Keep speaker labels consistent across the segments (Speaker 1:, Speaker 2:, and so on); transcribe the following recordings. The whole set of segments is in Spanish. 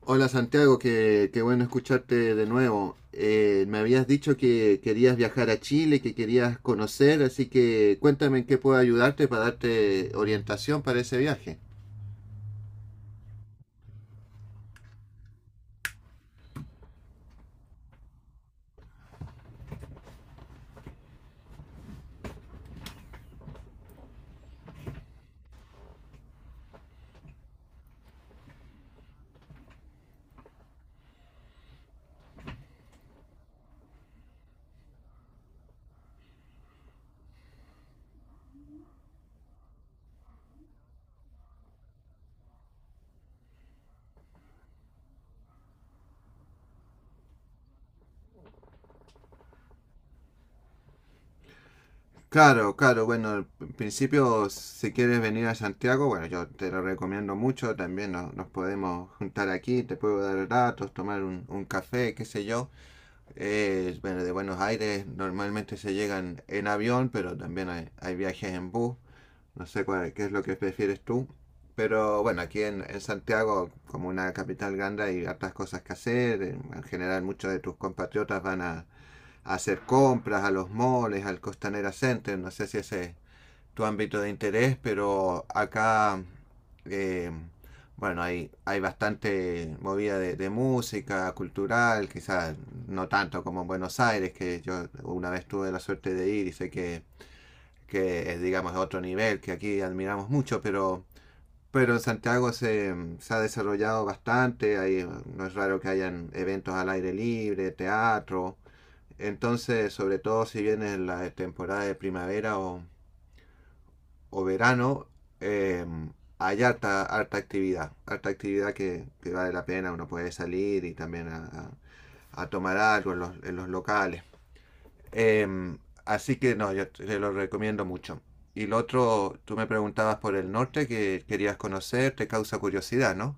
Speaker 1: Hola Santiago, qué bueno escucharte de nuevo. Me habías dicho que querías viajar a Chile, que querías conocer, así que cuéntame en qué puedo ayudarte para darte orientación para ese viaje. Claro, claro, bueno, en principio si quieres venir a Santiago, bueno, yo te lo recomiendo mucho, también nos podemos juntar aquí, te puedo dar datos, tomar un café, qué sé yo. Bueno, de Buenos Aires normalmente se llegan en avión, pero también hay viajes en bus. No sé cuál, qué es lo que prefieres tú. Pero bueno, aquí en Santiago, como una capital grande, hay hartas cosas que hacer. En general, muchos de tus compatriotas van a hacer compras a los moles, al Costanera Center. No sé si ese es tu ámbito de interés, pero acá, eh, bueno, hay bastante movida de música, cultural, quizás no tanto como en Buenos Aires, que yo una vez tuve la suerte de ir y sé que es, digamos, otro nivel, que aquí admiramos mucho, pero en Santiago se ha desarrollado bastante, ahí no es raro que hayan eventos al aire libre, teatro, entonces, sobre todo si viene la temporada de primavera o verano, eh, hay harta actividad, harta actividad que vale la pena, uno puede salir y también a tomar algo en los locales. Em, Así que no, yo te lo recomiendo mucho. Y lo otro, tú me preguntabas por el norte que querías conocer, te causa curiosidad, ¿no?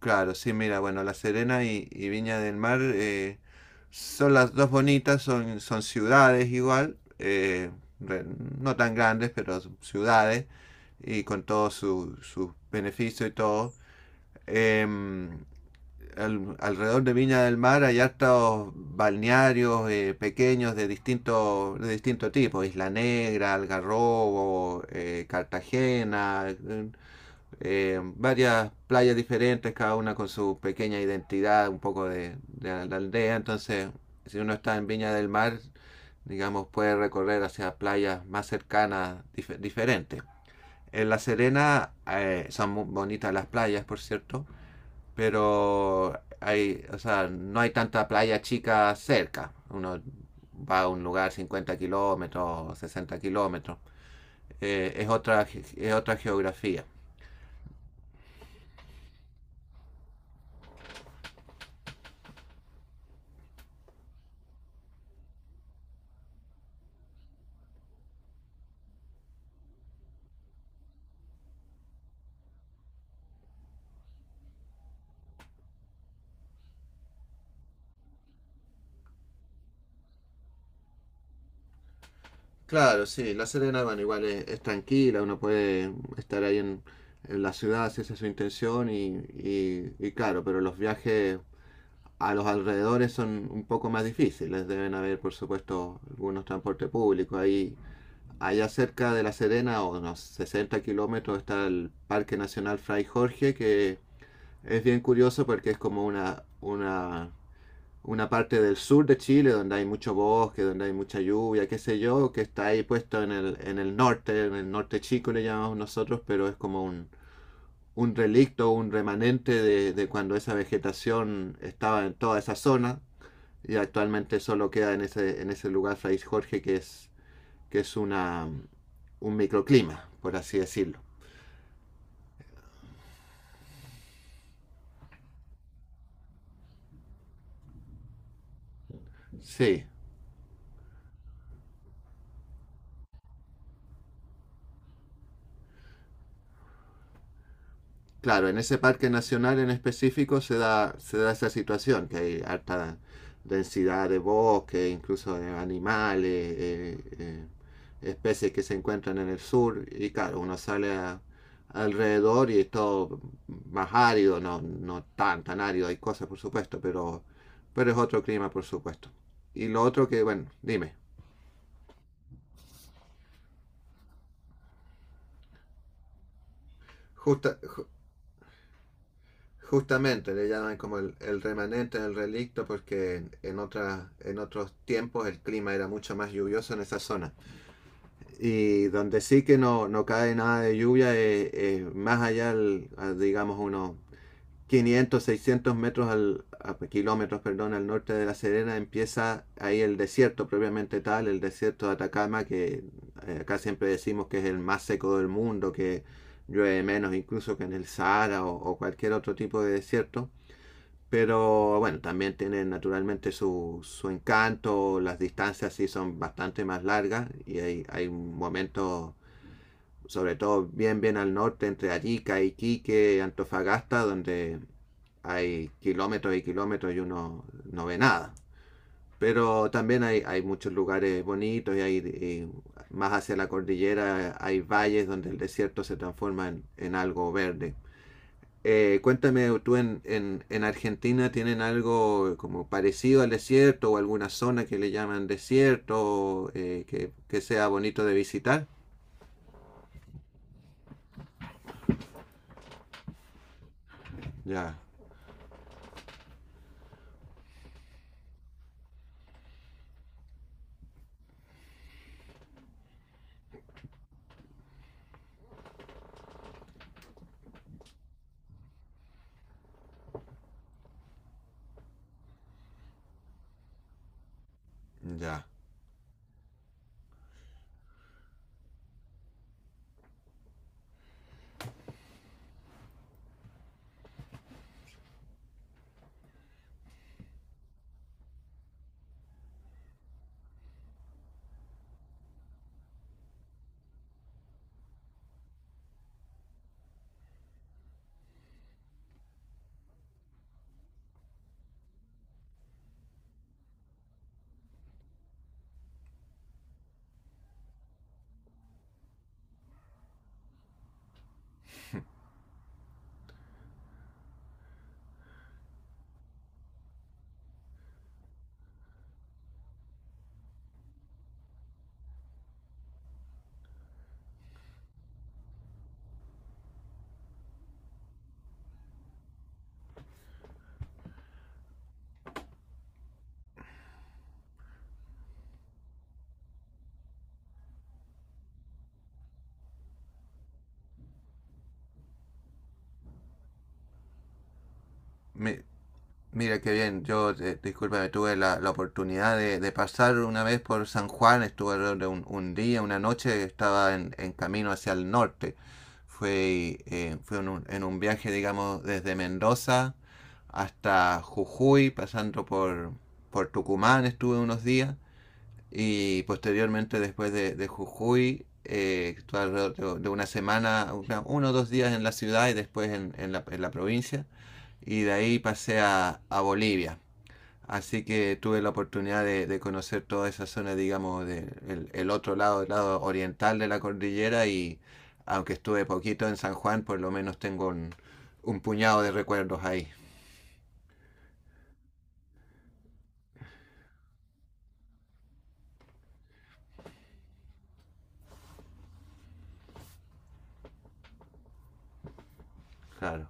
Speaker 1: Claro, sí, mira, bueno, La Serena y Viña del Mar, son las dos bonitas, son ciudades igual, re- no tan grandes, pero son ciudades y con todos sus beneficios y todo. em, Alrededor de Viña del Mar hay hartos balnearios, pequeños de distinto tipo: Isla Negra, Algarrobo, Cartagena, varias playas diferentes, cada una con su pequeña identidad, un poco de la aldea. Entonces, si uno está en Viña del Mar, digamos, puede recorrer hacia playas más cercanas, diferentes. En La Serena, son muy bonitas las playas, por cierto, pero hay, o sea, no hay tanta playa chica cerca. Uno va a un lugar, 50 kilómetros, 60 kilómetros. Eh, es, otra, es otra geografía. Claro, sí, La Serena, bueno, igual es tranquila, uno puede estar ahí en la ciudad si esa es su intención y claro, pero los viajes a los alrededores son un poco más difíciles, deben haber por supuesto algunos transportes públicos ahí. Allá cerca de La Serena, a unos 60 kilómetros, está el Parque Nacional Fray Jorge, que es bien curioso porque es como una parte del sur de Chile donde hay mucho bosque, donde hay mucha lluvia, qué sé yo, que está ahí puesto en el norte, en el norte chico le llamamos nosotros, pero es como un relicto, un remanente de cuando esa vegetación estaba en toda esa zona, y actualmente solo queda en ese lugar, Fray Jorge, que que es una, un microclima, por así decirlo. Sí, claro, en ese parque nacional en específico se da esa situación, que hay alta densidad de bosque, incluso de animales, eh, eh, especies que se encuentran en el sur, y claro, uno alrededor y es todo más árido, no, no tan árido, hay cosas por supuesto, pero es otro clima por supuesto. Y lo otro que, bueno, dime. Justa, Justamente, le llaman como el remanente, el relicto, porque en otros tiempos el clima era mucho más lluvioso en esa zona. Y donde sí que no, no cae nada de lluvia, es más allá, digamos, unos 500, 600 metros kilómetros, perdón, al norte de La Serena, empieza ahí el desierto propiamente tal, el desierto de Atacama, que acá siempre decimos que es el más seco del mundo, que llueve menos incluso que en el Sahara, o cualquier otro tipo de desierto. Pero bueno, también tiene naturalmente su encanto, las distancias sí son bastante más largas y hay momentos, sobre todo bien al norte, entre Arica, Iquique, Antofagasta, donde hay kilómetros y kilómetros y uno no ve nada. Pero también hay muchos lugares bonitos y, más hacia la cordillera hay valles donde el desierto se transforma en algo verde. Cuéntame, ¿tú en Argentina tienen algo como parecido al desierto, o alguna zona que le llaman desierto, que sea bonito de visitar? Ya, ya. Me, Mira qué bien, yo, discúlpame, tuve la, la oportunidad de pasar una vez por San Juan, estuve alrededor de un día, una noche, estaba en camino hacia el norte. Fue en un viaje, digamos, desde Mendoza hasta Jujuy, pasando por Tucumán, estuve unos días, y posteriormente después de Jujuy, estuve alrededor de una semana, uno o dos días en la ciudad, y después en la provincia, y de ahí pasé a Bolivia. Así que tuve la oportunidad de conocer toda esa zona, digamos, el otro lado, el lado oriental de la cordillera, y aunque estuve poquito en San Juan, por lo menos tengo un puñado de recuerdos ahí. Claro.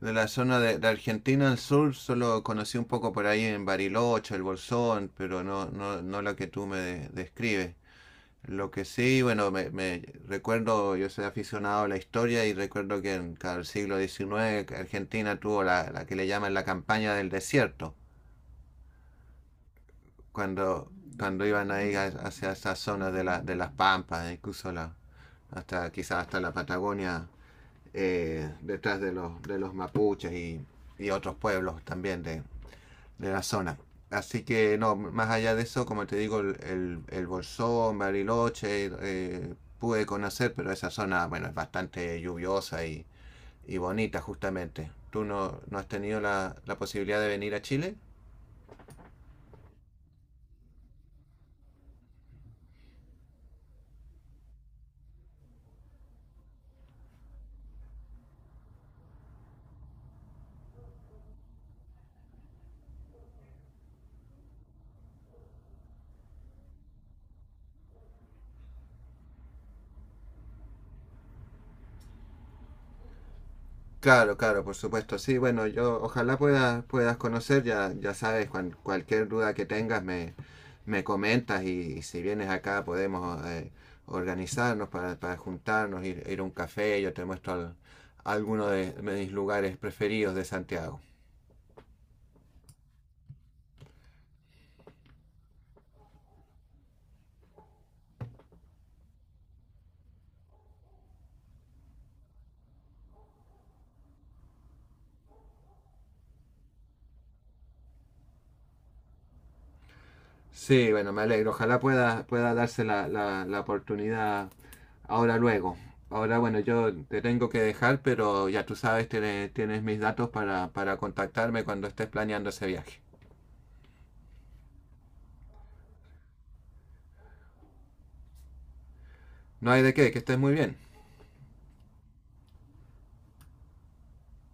Speaker 1: De la zona de Argentina al sur solo conocí un poco por ahí en Bariloche, el Bolsón, pero no, no, no la que tú me describes. Lo que sí, bueno, me recuerdo, yo soy aficionado a la historia y recuerdo que en el siglo XIX, que Argentina tuvo la que le llaman la campaña del desierto, cuando, cuando iban ahí hacia esas zonas de de las Pampas, incluso hasta quizás hasta la Patagonia, detrás de los mapuches y otros pueblos también de la zona. Así que no, más allá de eso, como te digo, el Bolsón, Bariloche, pude conocer, pero esa zona, bueno, es bastante lluviosa y bonita justamente. ¿Tú no, no has tenido la, la posibilidad de venir a Chile? Claro, claro, por supuesto. Sí, bueno, yo ojalá puedas conocer. Ya, ya sabes, cualquier duda que tengas me comentas, y si vienes acá podemos, organizarnos para juntarnos, ir a un café, yo te muestro alguno de mis lugares preferidos de Santiago. Sí, bueno, me alegro, ojalá pueda darse la oportunidad ahora luego. Ahora, bueno, yo te tengo que dejar, pero ya tú sabes, tienes mis datos para contactarme cuando estés planeando ese viaje. No hay de qué, que estés muy bien.